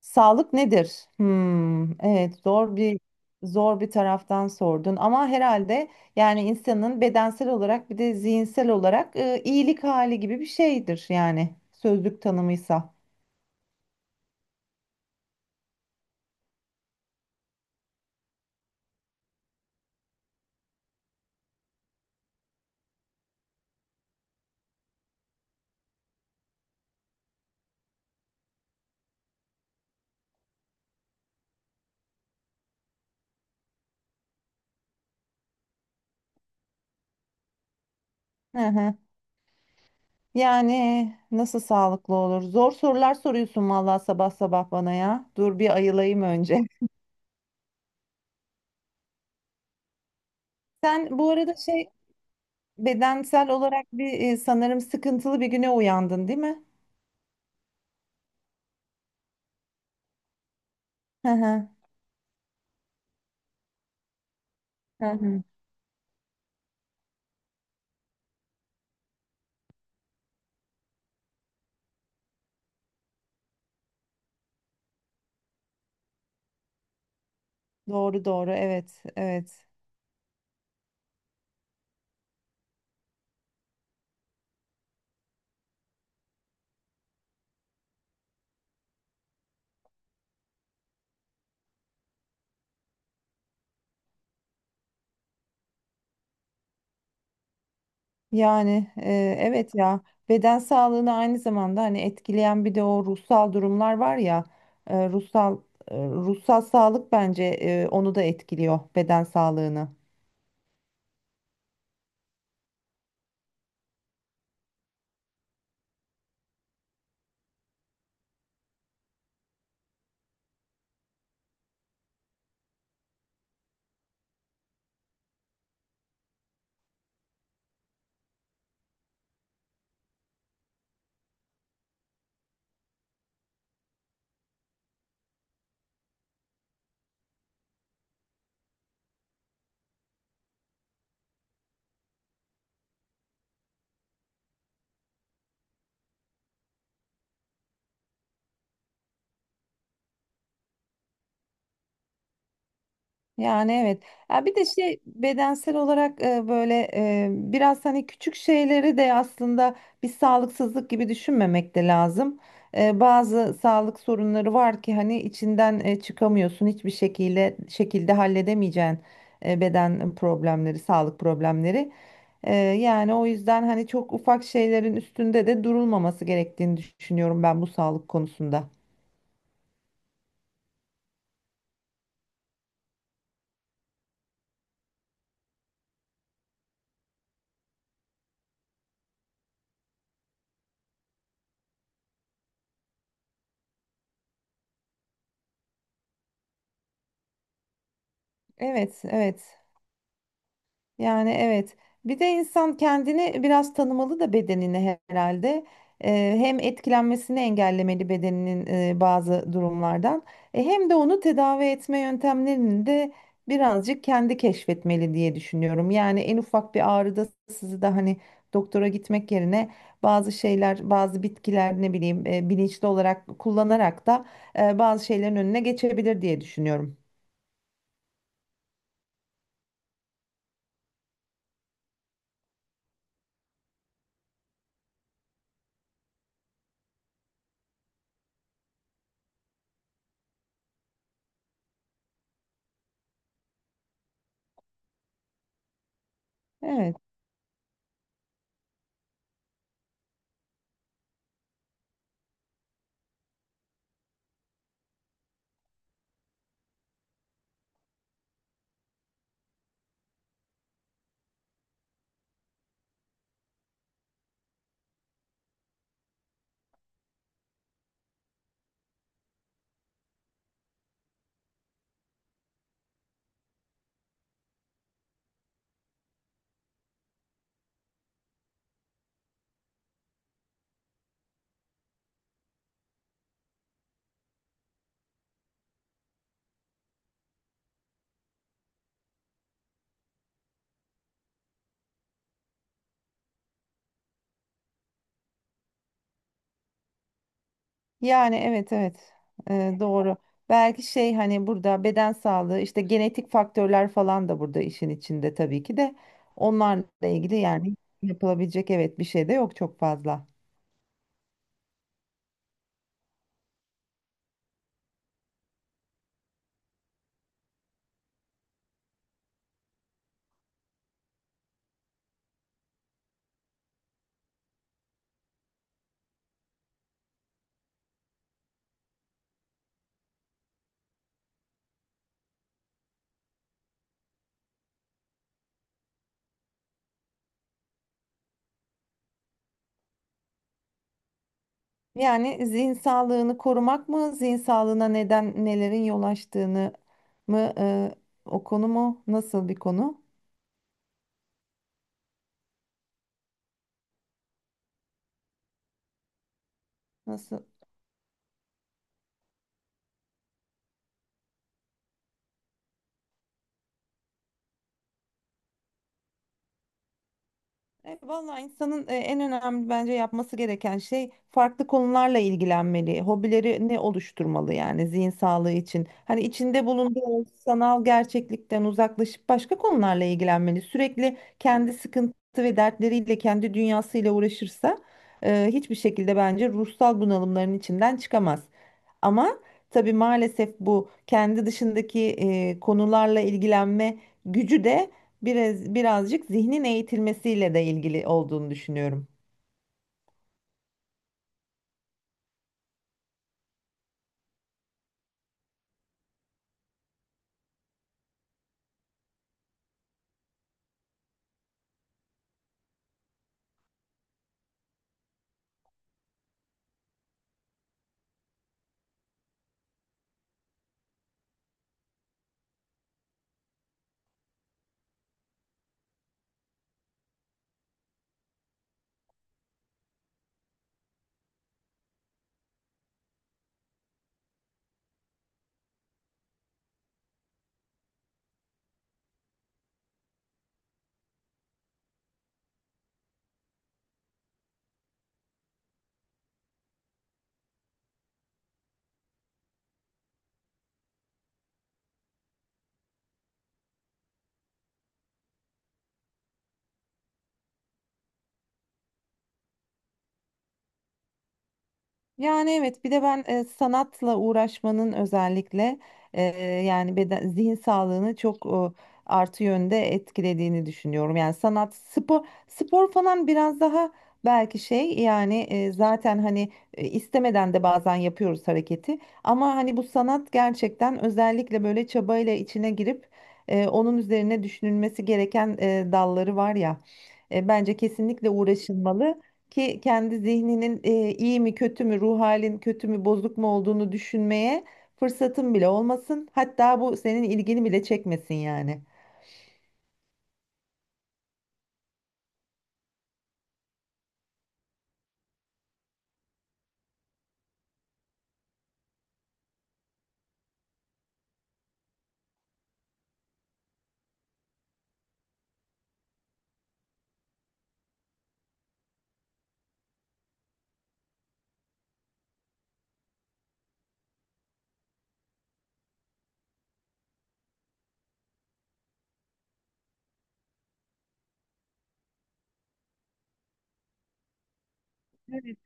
Sağlık nedir? Hmm, evet, zor bir zor bir taraftan sordun ama herhalde yani insanın bedensel olarak bir de zihinsel olarak iyilik hali gibi bir şeydir, yani sözlük tanımıysa. Hı hı. Yani nasıl sağlıklı olur? Zor sorular soruyorsun vallahi sabah sabah bana ya. Dur bir ayılayım önce. Sen bu arada bedensel olarak bir sanırım sıkıntılı bir güne uyandın, değil mi? Hı hı. Hı hı. Doğru doğru, evet evet. Yani evet ya, beden sağlığını aynı zamanda hani etkileyen bir de o ruhsal durumlar var ya, e, ruhsal ruhsal sağlık bence onu da etkiliyor, beden sağlığını. Yani evet. Ya bir de bedensel olarak böyle biraz hani küçük şeyleri de aslında bir sağlıksızlık gibi düşünmemek de lazım. Bazı sağlık sorunları var ki hani içinden çıkamıyorsun, hiçbir şekilde halledemeyeceğin beden problemleri, sağlık problemleri. Yani o yüzden hani çok ufak şeylerin üstünde de durulmaması gerektiğini düşünüyorum ben bu sağlık konusunda. Evet, evet. Yani evet. Bir de insan kendini biraz tanımalı da bedenini herhalde. Hem etkilenmesini engellemeli bedeninin bazı durumlardan. Hem de onu tedavi etme yöntemlerini de birazcık kendi keşfetmeli diye düşünüyorum. Yani en ufak bir ağrıda sizi de hani doktora gitmek yerine bazı şeyler, bazı bitkiler ne bileyim bilinçli olarak kullanarak da bazı şeylerin önüne geçebilir diye düşünüyorum. Evet. Yani evet evet doğru. Belki hani burada beden sağlığı işte genetik faktörler falan da burada işin içinde, tabii ki de onlarla ilgili yani yapılabilecek, evet, bir şey de yok çok fazla. Yani zihin sağlığını korumak mı, zihin sağlığına neden nelerin yol açtığını mı o konu mu? Nasıl bir konu? Nasıl? Evet, vallahi insanın en önemli bence yapması gereken şey, farklı konularla ilgilenmeli. Hobilerini oluşturmalı, yani zihin sağlığı için. Hani içinde bulunduğu sanal gerçeklikten uzaklaşıp başka konularla ilgilenmeli. Sürekli kendi sıkıntı ve dertleriyle, kendi dünyasıyla uğraşırsa hiçbir şekilde bence ruhsal bunalımların içinden çıkamaz. Ama tabii maalesef bu kendi dışındaki konularla ilgilenme gücü de birazcık zihnin eğitilmesiyle de ilgili olduğunu düşünüyorum. Yani evet, bir de ben sanatla uğraşmanın özellikle e, yani beden zihin sağlığını çok artı yönde etkilediğini düşünüyorum. Yani sanat, spor falan biraz daha belki yani zaten hani istemeden de bazen yapıyoruz hareketi, ama hani bu sanat gerçekten özellikle böyle çabayla içine girip onun üzerine düşünülmesi gereken dalları var ya. Bence kesinlikle uğraşılmalı ki kendi zihninin iyi mi kötü mü, ruh halin kötü mü, bozuk mu olduğunu düşünmeye fırsatın bile olmasın. Hatta bu senin ilgini bile çekmesin yani. Evet.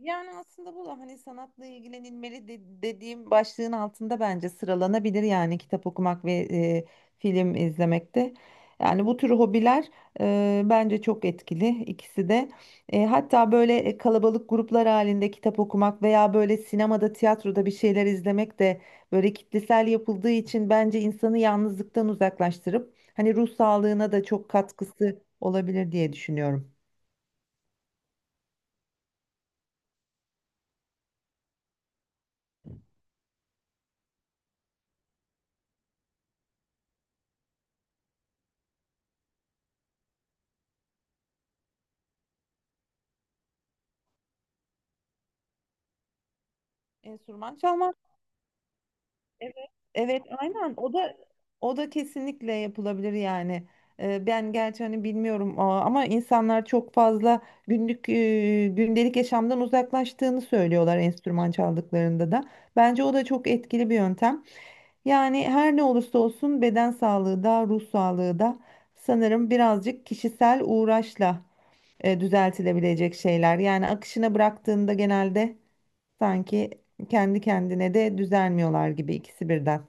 Yani aslında bu da hani dediğim başlığın altında bence sıralanabilir, yani kitap okumak ve film izlemek de. Yani bu tür hobiler bence çok etkili ikisi de. Hatta böyle kalabalık gruplar halinde kitap okumak veya böyle sinemada, tiyatroda bir şeyler izlemek de böyle kitlesel yapıldığı için bence insanı yalnızlıktan uzaklaştırıp hani ruh sağlığına da çok katkısı olabilir diye düşünüyorum. Enstrüman çalmak. Evet, evet, aynen, o da kesinlikle yapılabilir yani. Ben gerçi hani bilmiyorum ama insanlar çok fazla günlük gündelik yaşamdan uzaklaştığını söylüyorlar enstrüman çaldıklarında da. Bence o da çok etkili bir yöntem. Yani her ne olursa olsun beden sağlığı da ruh sağlığı da sanırım birazcık kişisel uğraşla düzeltilebilecek şeyler. Yani akışına bıraktığında genelde sanki kendi kendine de düzelmiyorlar gibi ikisi birden.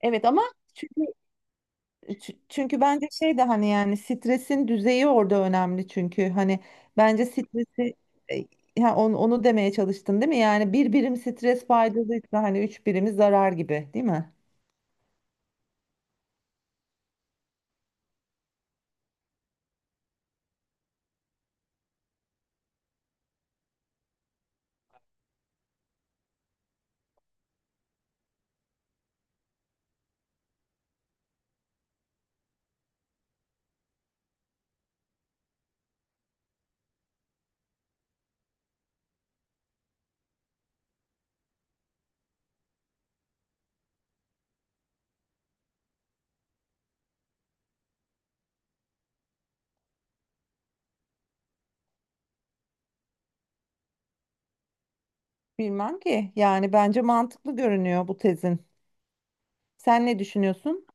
Evet ama çünkü çünkü bence şey de hani yani stresin düzeyi orada önemli çünkü hani bence stresi ha, onu demeye çalıştın değil mi? Yani bir birim stres faydalıysa hani üç birimi zarar gibi, değil mi? Bilmem ki, yani bence mantıklı görünüyor bu tezin. Sen ne düşünüyorsun?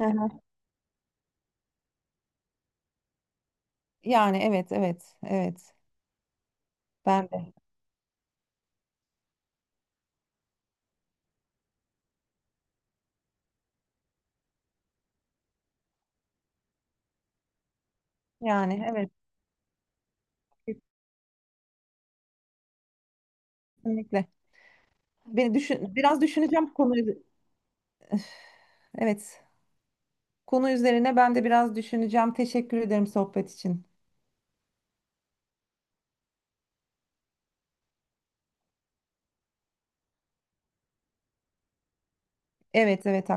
Hı hı. Yani evet evet evet, ben de yani evet, kesinlikle. Beni düşün, biraz düşüneceğim konu. Evet, konu üzerine ben de biraz düşüneceğim. Teşekkür ederim sohbet için. Evet, evet.